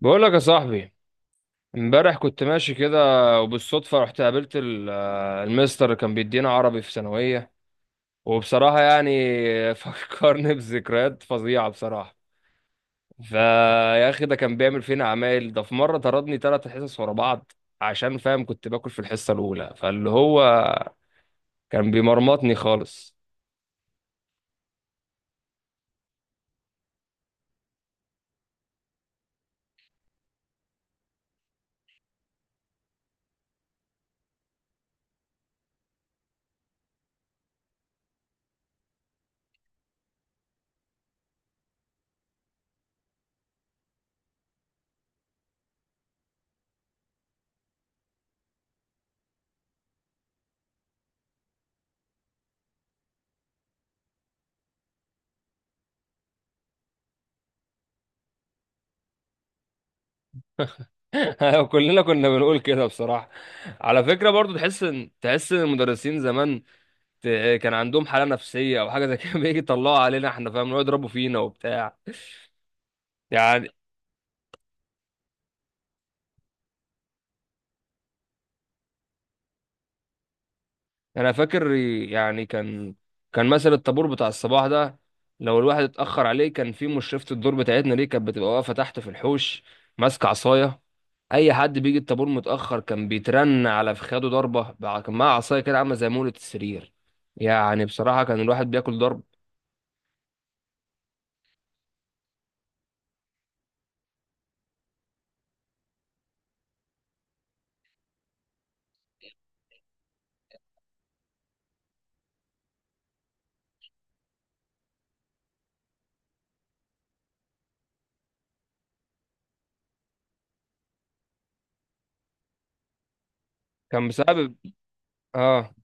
بقول لك يا صاحبي، امبارح كنت ماشي كده وبالصدفة رحت قابلت المستر اللي كان بيدينا عربي في ثانوية. وبصراحة يعني فكرني بذكريات فظيعة بصراحة. فيا أخي ده كان بيعمل فينا عمايل. ده في مرة طردني ثلاث حصص ورا بعض عشان فاهم كنت باكل في الحصة الأولى، فاللي هو كان بيمرمطني خالص. كلنا كنا بنقول كده بصراحة. على فكرة برضو تحس إن المدرسين زمان كان عندهم حالة نفسية أو حاجة زي كده. بيجي يطلعوا علينا إحنا فاهم، يقعدوا يضربوا فينا وبتاع. يعني أنا فاكر يعني كان مثلا الطابور بتاع الصباح ده لو الواحد اتأخر عليه، كان في مشرفة الدور بتاعتنا دي كانت بتبقى واقفة تحت في الحوش ماسكة عصاية. أي حد بيجي الطابور متأخر كان بيترن على فخاده ضربة، كان معاه عصاية كده عاملة زي مولة السرير. يعني بصراحة كان الواحد بياكل ضرب. كان بسبب آه،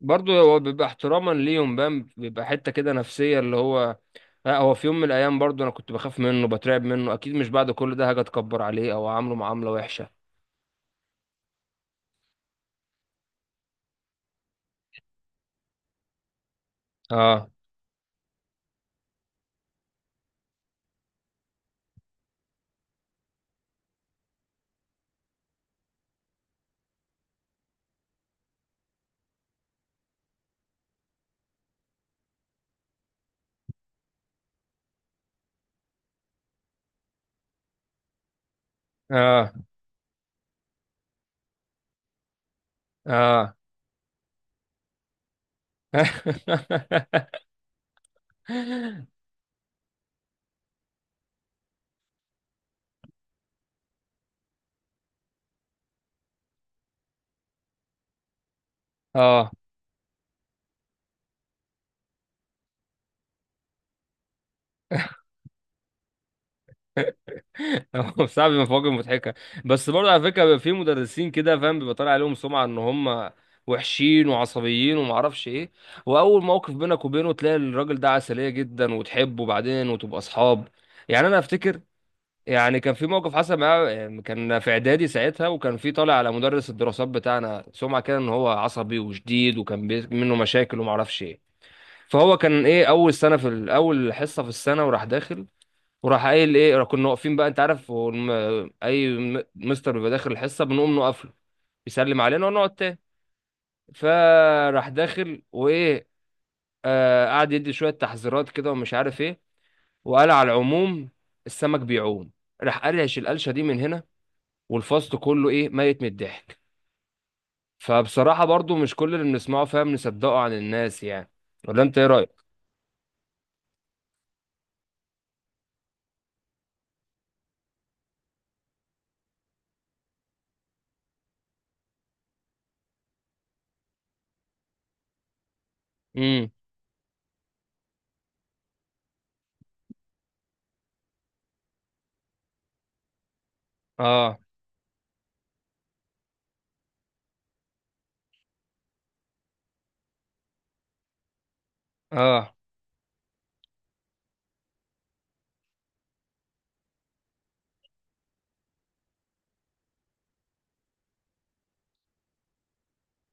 برضه هو بيبقى احتراما ليهم بقى. بيبقى حتة كده نفسية اللي هو، لا هو في يوم من الايام برضو انا كنت بخاف منه بترعب منه، اكيد مش بعد كل ده هاجي اتكبر عليه او اعامله معامله وحشه. اه. اه. اه. اه. هو صعب مفاجأة مضحكه. بس برضه على فكره بيبقى في مدرسين كده فاهم بيبقى طالع عليهم سمعه ان هم وحشين وعصبيين وما اعرفش ايه، واول موقف بينك وبينه تلاقي الراجل ده عسليه جدا وتحبه بعدين وتبقى اصحاب. يعني انا افتكر يعني كان في موقف حصل معاه، كان في اعدادي ساعتها، وكان في طالع على مدرس الدراسات بتاعنا سمعه كده ان هو عصبي وشديد وكان منه مشاكل وما اعرفش ايه. فهو كان ايه اول اول حصه في السنه وراح داخل، وراح قايل ايه. كنا واقفين بقى، انت عارف هو مستر بيبقى داخل الحصه بنقوم نقف له، يسلم علينا ونقعد تاني. فراح داخل وايه، آه، قعد يدي شويه تحذيرات كده ومش عارف ايه، وقال على العموم السمك بيعوم. راح قرش القلشه دي من هنا، والفصل كله ايه، ميت من الضحك. فبصراحة برضو مش كل اللي بنسمعه فاهم نصدقه عن الناس يعني. ولا انت ايه رأيك؟ امم. اه. اه.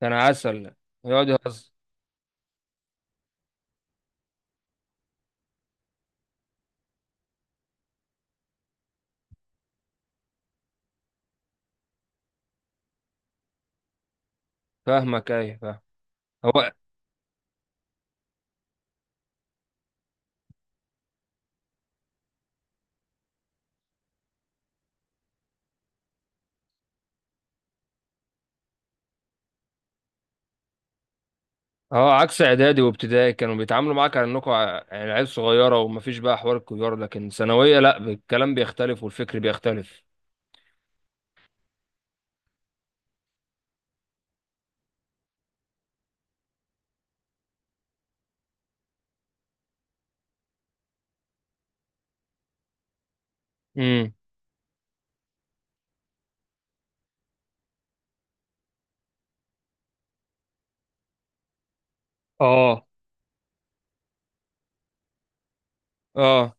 كان عسل. يقعد يهزر. فاهمك، ايه فاهم. هو اه عكس اعدادي وابتدائي كانوا بيتعاملوا معاك على يعني عيال صغيرة ومفيش بقى حوار الكبار، لكن ثانوية لا، الكلام بيختلف والفكر بيختلف. امم. اه. اه.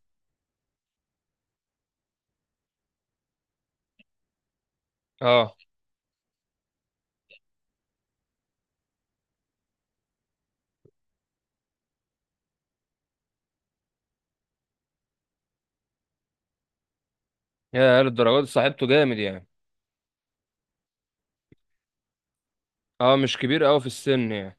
اه. يا للدرجات، صاحبته جامد يعني. اه مش كبير قوي في السن يعني.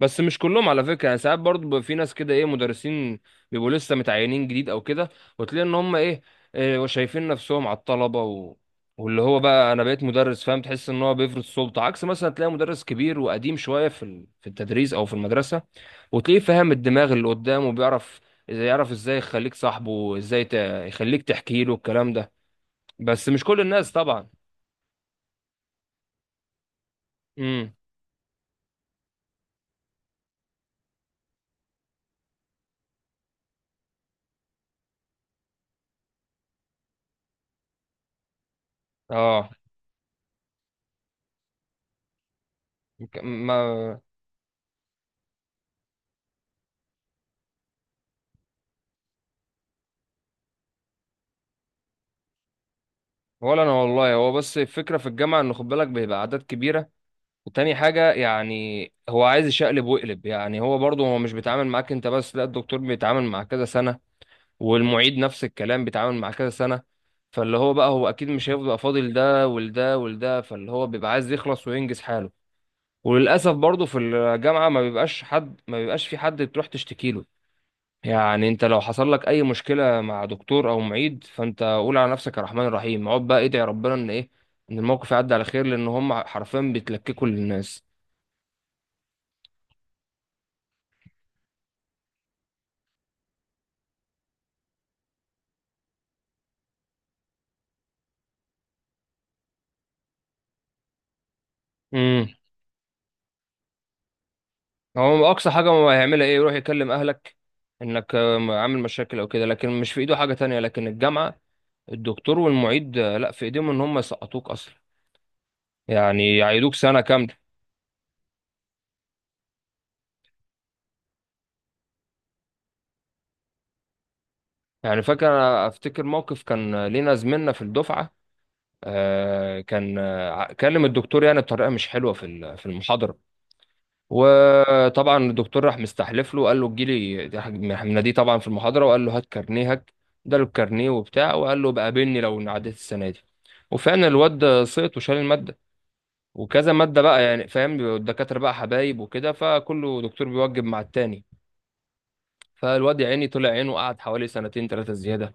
بس مش كلهم على فكره يعني، ساعات برضه بيبقى في ناس كده ايه، مدرسين بيبقوا لسه متعينين جديد او كده، وتلاقي ان هم ايه، إيه، شايفين نفسهم على الطلبه، واللي هو بقى انا بقيت مدرس فاهم، تحس ان هو بيفرض سلطه. عكس مثلا تلاقي مدرس كبير وقديم شويه في التدريس او في المدرسه، وتلاقيه فاهم الدماغ اللي قدامه وبيعرف إذا يعرف ازاي يخليك صاحبه وازاي يخليك تحكي له الكلام ده. بس مش كل الناس طبعا. امم. اه. ك- ما ولا انا والله. هو بس الفكره في الجامعه ان خد بالك بيبقى اعداد كبيره، وتاني حاجة يعني هو عايز يشقلب ويقلب. يعني هو برضه هو مش بيتعامل معاك انت بس، لا، الدكتور بيتعامل مع كذا سنة، والمعيد نفس الكلام بيتعامل مع كذا سنة، فاللي هو بقى هو اكيد مش هيفضل فاضل ده، ولده ولده، فاللي هو بيبقى عايز يخلص وينجز حاله. وللأسف برضه في الجامعة ما بيبقاش في حد تروح تشتكي له. يعني انت لو حصل لك اي مشكلة مع دكتور او معيد فانت قول على نفسك الرحمن الرحيم، اقعد بقى ادعي ربنا ان ايه، ان الموقف يعدي على خير، لان هم حرفيا بيتلككوا للناس. هو اقصى حاجه هو هيعملها ايه، يروح يكلم اهلك انك عامل مشاكل او كده، لكن مش في ايده حاجه تانية. لكن الجامعه، الدكتور والمعيد لا في ايديهم ان هم يسقطوك اصلا، يعني يعيدوك سنه كامله. يعني فاكر أنا، افتكر موقف كان لينا زميلنا في الدفعه، آه، كان آه، كلم الدكتور يعني بطريقه مش حلوه في المحاضره. وطبعا الدكتور راح مستحلف له، قال له تجيلي. راح مناديه طبعا في المحاضره وقال له هات كارنيهك. اداله الكارنيه وبتاع، وقال له بقابلني لو عديت السنه دي. وفعلا الواد ده سقط وشال الماده، وكذا ماده بقى يعني فاهم، بيبقوا الدكاتره بقى حبايب وكده، فكله دكتور بيوجب مع التاني. فالواد يا عيني طلع عينه، قعد حوالي سنتين ثلاثه زياده.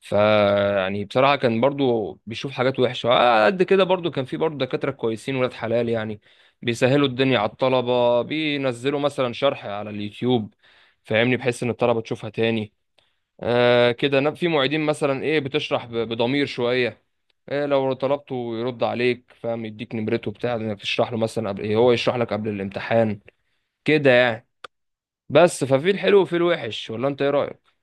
فيعني بصراحة كان برضو بيشوف حاجات وحشة، على قد كده برضو كان في برضو دكاترة كويسين ولاد حلال يعني، بيسهلوا الدنيا على الطلبة، بينزلوا مثلا شرح على اليوتيوب فاهمني، بحيث ان الطلبة تشوفها تاني. آه كده، في معيدين مثلا ايه بتشرح بضمير شوية. إيه، لو طلبته يرد عليك فاهم، يديك نمرته بتاع انك تشرح له، مثلا قبل ايه هو يشرح لك قبل الامتحان كده يعني. بس ففي الحلو وفي الوحش، ولا انت ايه رأيك؟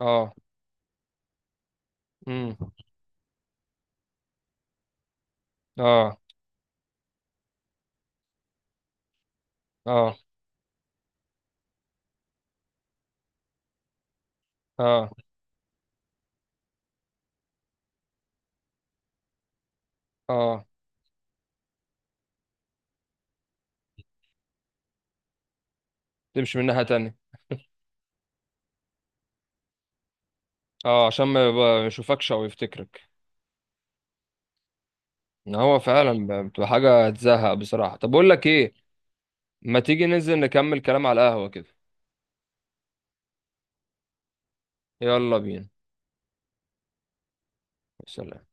اه. امم. اه. اه. اه. اه. تمشي من ناحية تانية. اه عشان ما يشوفكش او يفتكرك. ان هو فعلا بتبقى حاجة تزهق بصراحة. طب اقول لك ايه، ما تيجي ننزل نكمل كلام على القهوة كده. يلا بينا. سلام.